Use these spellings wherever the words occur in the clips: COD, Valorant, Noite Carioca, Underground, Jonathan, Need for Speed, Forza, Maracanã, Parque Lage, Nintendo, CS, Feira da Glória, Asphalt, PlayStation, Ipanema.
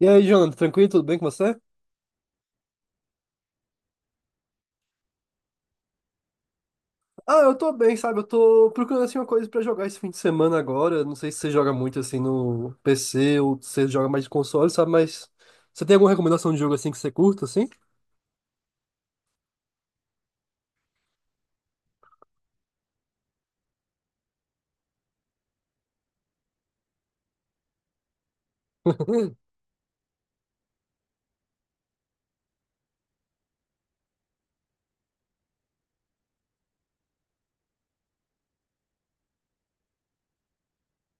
E aí, Jonathan, tranquilo? Tudo bem com você? Ah, eu tô bem, sabe? Eu tô procurando assim uma coisa pra jogar esse fim de semana agora. Não sei se você joga muito assim no PC ou se você joga mais de console, sabe? Mas você tem alguma recomendação de jogo assim que você curta, assim?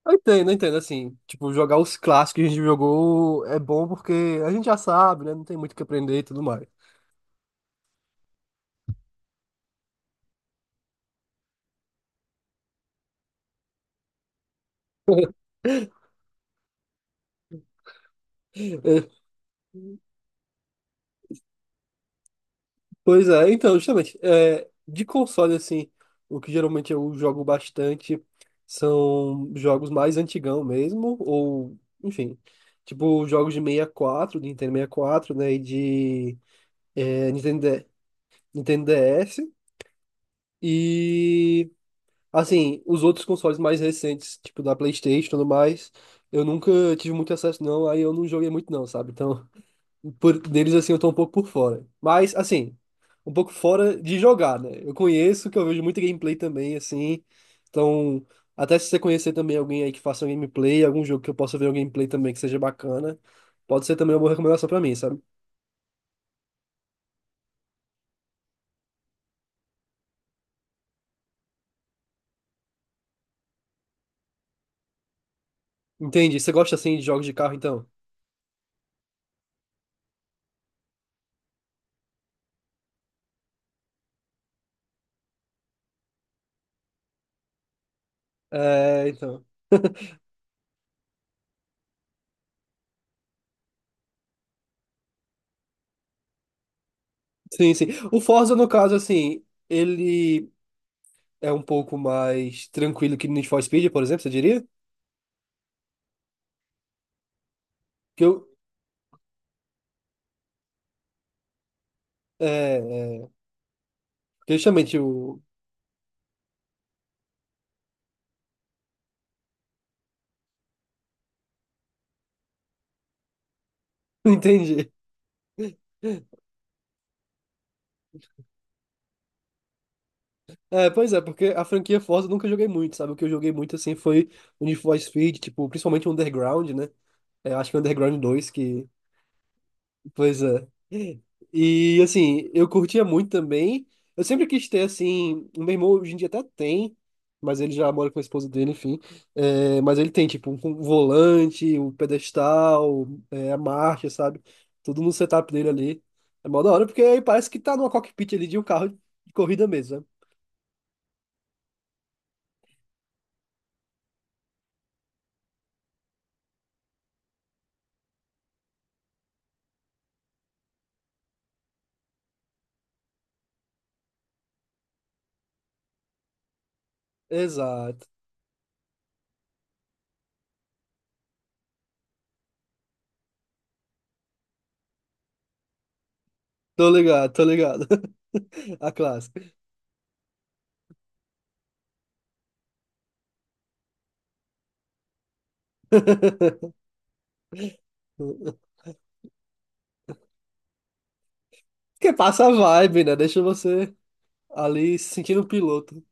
Eu entendo, assim. Tipo, jogar os clássicos que a gente jogou é bom porque a gente já sabe, né? Não tem muito o que aprender e tudo mais. Pois é, então, justamente, de console, assim, o que geralmente eu jogo bastante são jogos mais antigão mesmo, ou, enfim, tipo jogos de 64 de Nintendo 64, né, e de Nintendo, Nintendo DS, e, assim, os outros consoles mais recentes, tipo da PlayStation e tudo mais, eu nunca tive muito acesso não, aí eu não joguei muito não, sabe? Então, deles, assim, eu tô um pouco por fora. Mas, assim, um pouco fora de jogar, né? Eu conheço, que eu vejo muita gameplay também, assim. Então, até se você conhecer também alguém aí que faça um gameplay, algum jogo que eu possa ver um gameplay também que seja bacana, pode ser também uma boa recomendação pra mim, sabe? Entendi. Você gosta, assim, de jogos de carro, então? É, então. Sim, sim. O Forza, no caso, assim, ele é um pouco mais tranquilo que o Need for Speed, por exemplo, você diria? Que eu. É, é, que justamente o. Entendi. É, pois é, porque a franquia Forza eu nunca joguei muito, sabe? O que eu joguei muito, assim, foi o Need for Speed, tipo, principalmente o Underground, né? É, acho que o Underground 2 que... Pois é. E, assim, eu curtia muito também. Eu sempre quis ter, assim... O meu irmão hoje em dia até tem, mas ele já mora com a esposa dele, enfim. É, mas ele tem, tipo, um volante, o pedestal, a marcha, sabe? Tudo no setup dele ali. É mó da hora, porque aí parece que tá numa cockpit ali de um carro de corrida mesmo, né? Exato. Tô ligado, tô ligado. A clássica. Porque passa a vibe, né? Deixa você ali se sentindo um piloto.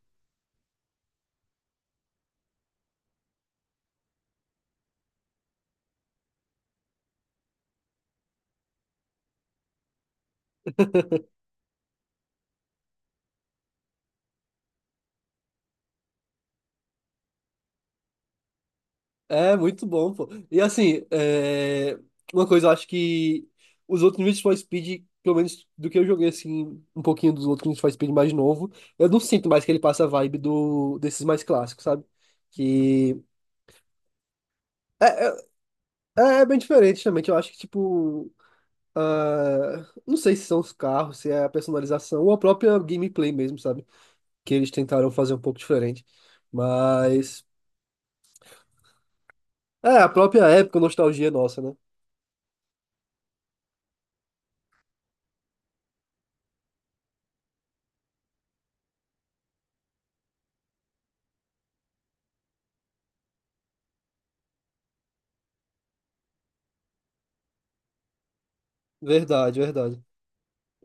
É muito bom, pô. E assim, é, uma coisa eu acho que os outros Need for Speed, pelo menos do que eu joguei assim, um pouquinho dos outros Need for Speed mais novo, eu não sinto mais que ele passa a vibe do desses mais clássicos, sabe? Que é, é bem diferente, realmente. Eu acho que, tipo, Ah, não sei se são os carros, se é a personalização ou a própria gameplay mesmo, sabe? Que eles tentaram fazer um pouco diferente. Mas é a própria época, nostalgia nossa, né? Verdade, verdade.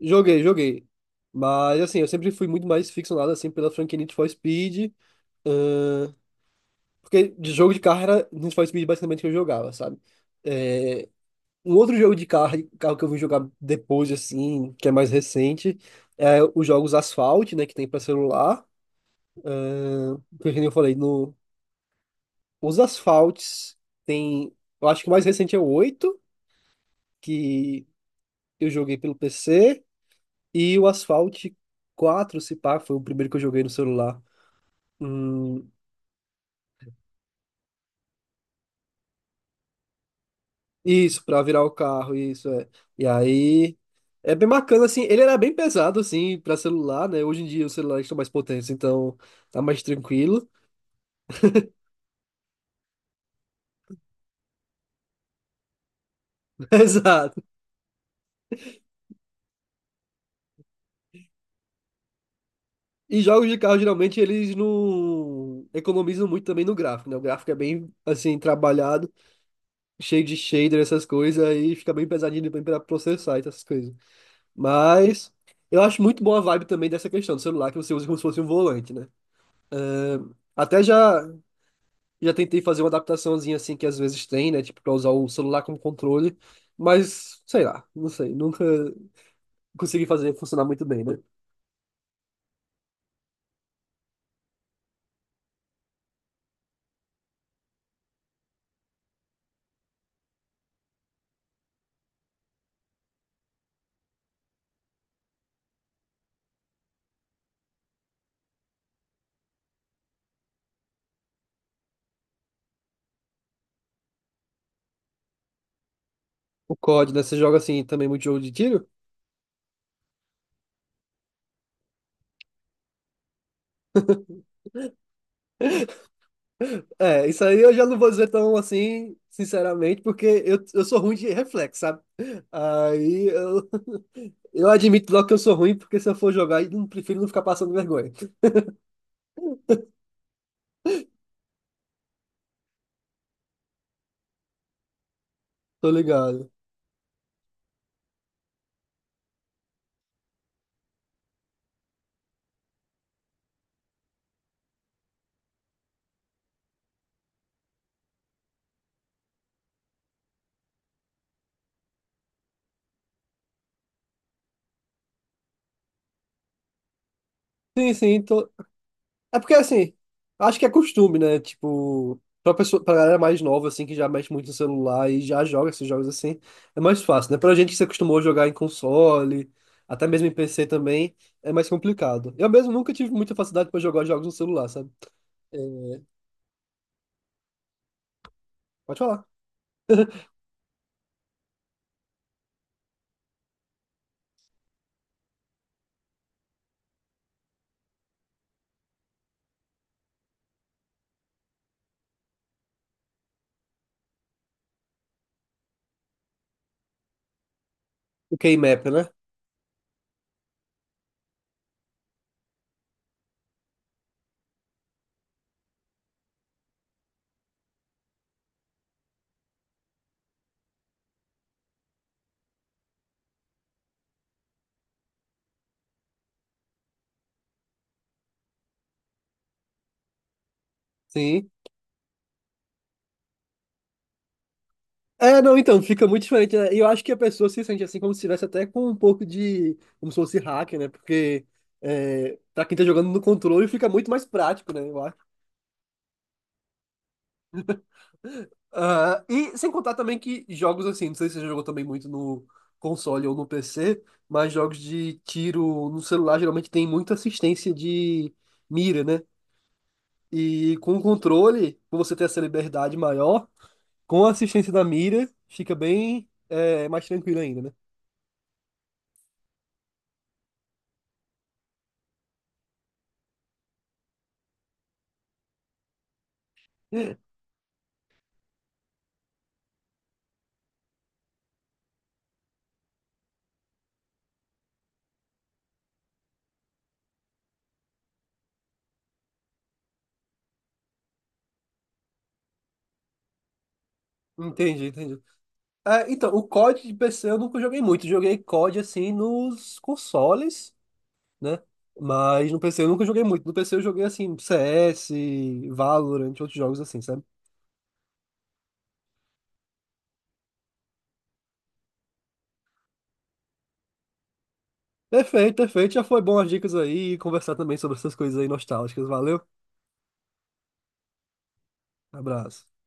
Joguei, joguei. Mas assim, eu sempre fui muito mais ficcionado assim pela franquia Need for Speed, porque de jogo de carro era Need for Speed basicamente que eu jogava, sabe? É, um outro jogo de carro, que eu vim jogar depois assim, que é mais recente, é os jogos Asphalt, né, que tem pra celular. Porque, como eu falei, no, os asfaltes tem, eu acho que o mais recente é o 8 que eu joguei pelo PC, e o Asphalt 4 se pá, foi o primeiro que eu joguei no celular. Hum, isso, pra virar o carro, isso é. E aí é bem bacana assim, ele era bem pesado assim pra celular, né? Hoje em dia os celulares estão mais potentes, então tá mais tranquilo. Exato. E jogos de carro geralmente eles não economizam muito também no gráfico, né? O gráfico é bem assim trabalhado, cheio de shader, essas coisas, aí fica bem pesadinho depois pra processar e essas coisas. Mas eu acho muito boa a vibe também dessa questão do celular que você usa como se fosse um volante, né? Até já já tentei fazer uma adaptaçãozinha assim que às vezes tem, né? Tipo, pra usar o celular como controle, mas sei lá, não sei, nunca consegui fazer funcionar muito bem, né? O COD, né? Você joga assim também muito jogo de tiro? É, isso aí eu já não vou dizer tão assim, sinceramente, porque eu sou ruim de reflexo, sabe? Aí eu admito logo que eu sou ruim, porque se eu for jogar, eu não- prefiro não ficar passando vergonha. Tô ligado. Sim, sim, tô... É porque, assim, acho que é costume, né? Tipo, pra pessoa, pra galera mais nova, assim, que já mexe muito no celular e já joga esses jogos assim, é mais fácil, né? Pra gente que se acostumou a jogar em console, até mesmo em PC também, é mais complicado. Eu mesmo nunca tive muita facilidade pra jogar jogos no celular, sabe? É, Pode falar. O Keymap, né? Sim. É, não, então, fica muito diferente, né? E eu acho que a pessoa se sente assim, como se estivesse até com um pouco de. Como se fosse hacker, né? Porque pra quem tá jogando no controle fica muito mais prático, né? Eu acho. Ah, e sem contar também que jogos assim, não sei se você jogou também muito no console ou no PC, mas jogos de tiro no celular geralmente tem muita assistência de mira, né? E com o controle, pra você ter essa liberdade maior, com a assistência da mira, fica bem, mais tranquilo ainda, né? Entendi, entendi. É, então, o COD de PC eu nunca joguei muito. Joguei COD assim nos consoles, né? Mas no PC eu nunca joguei muito. No PC eu joguei assim CS, Valorant, outros jogos assim, sabe? Perfeito, perfeito. Já foi bom as dicas aí e conversar também sobre essas coisas aí nostálgicas. Valeu, abraço.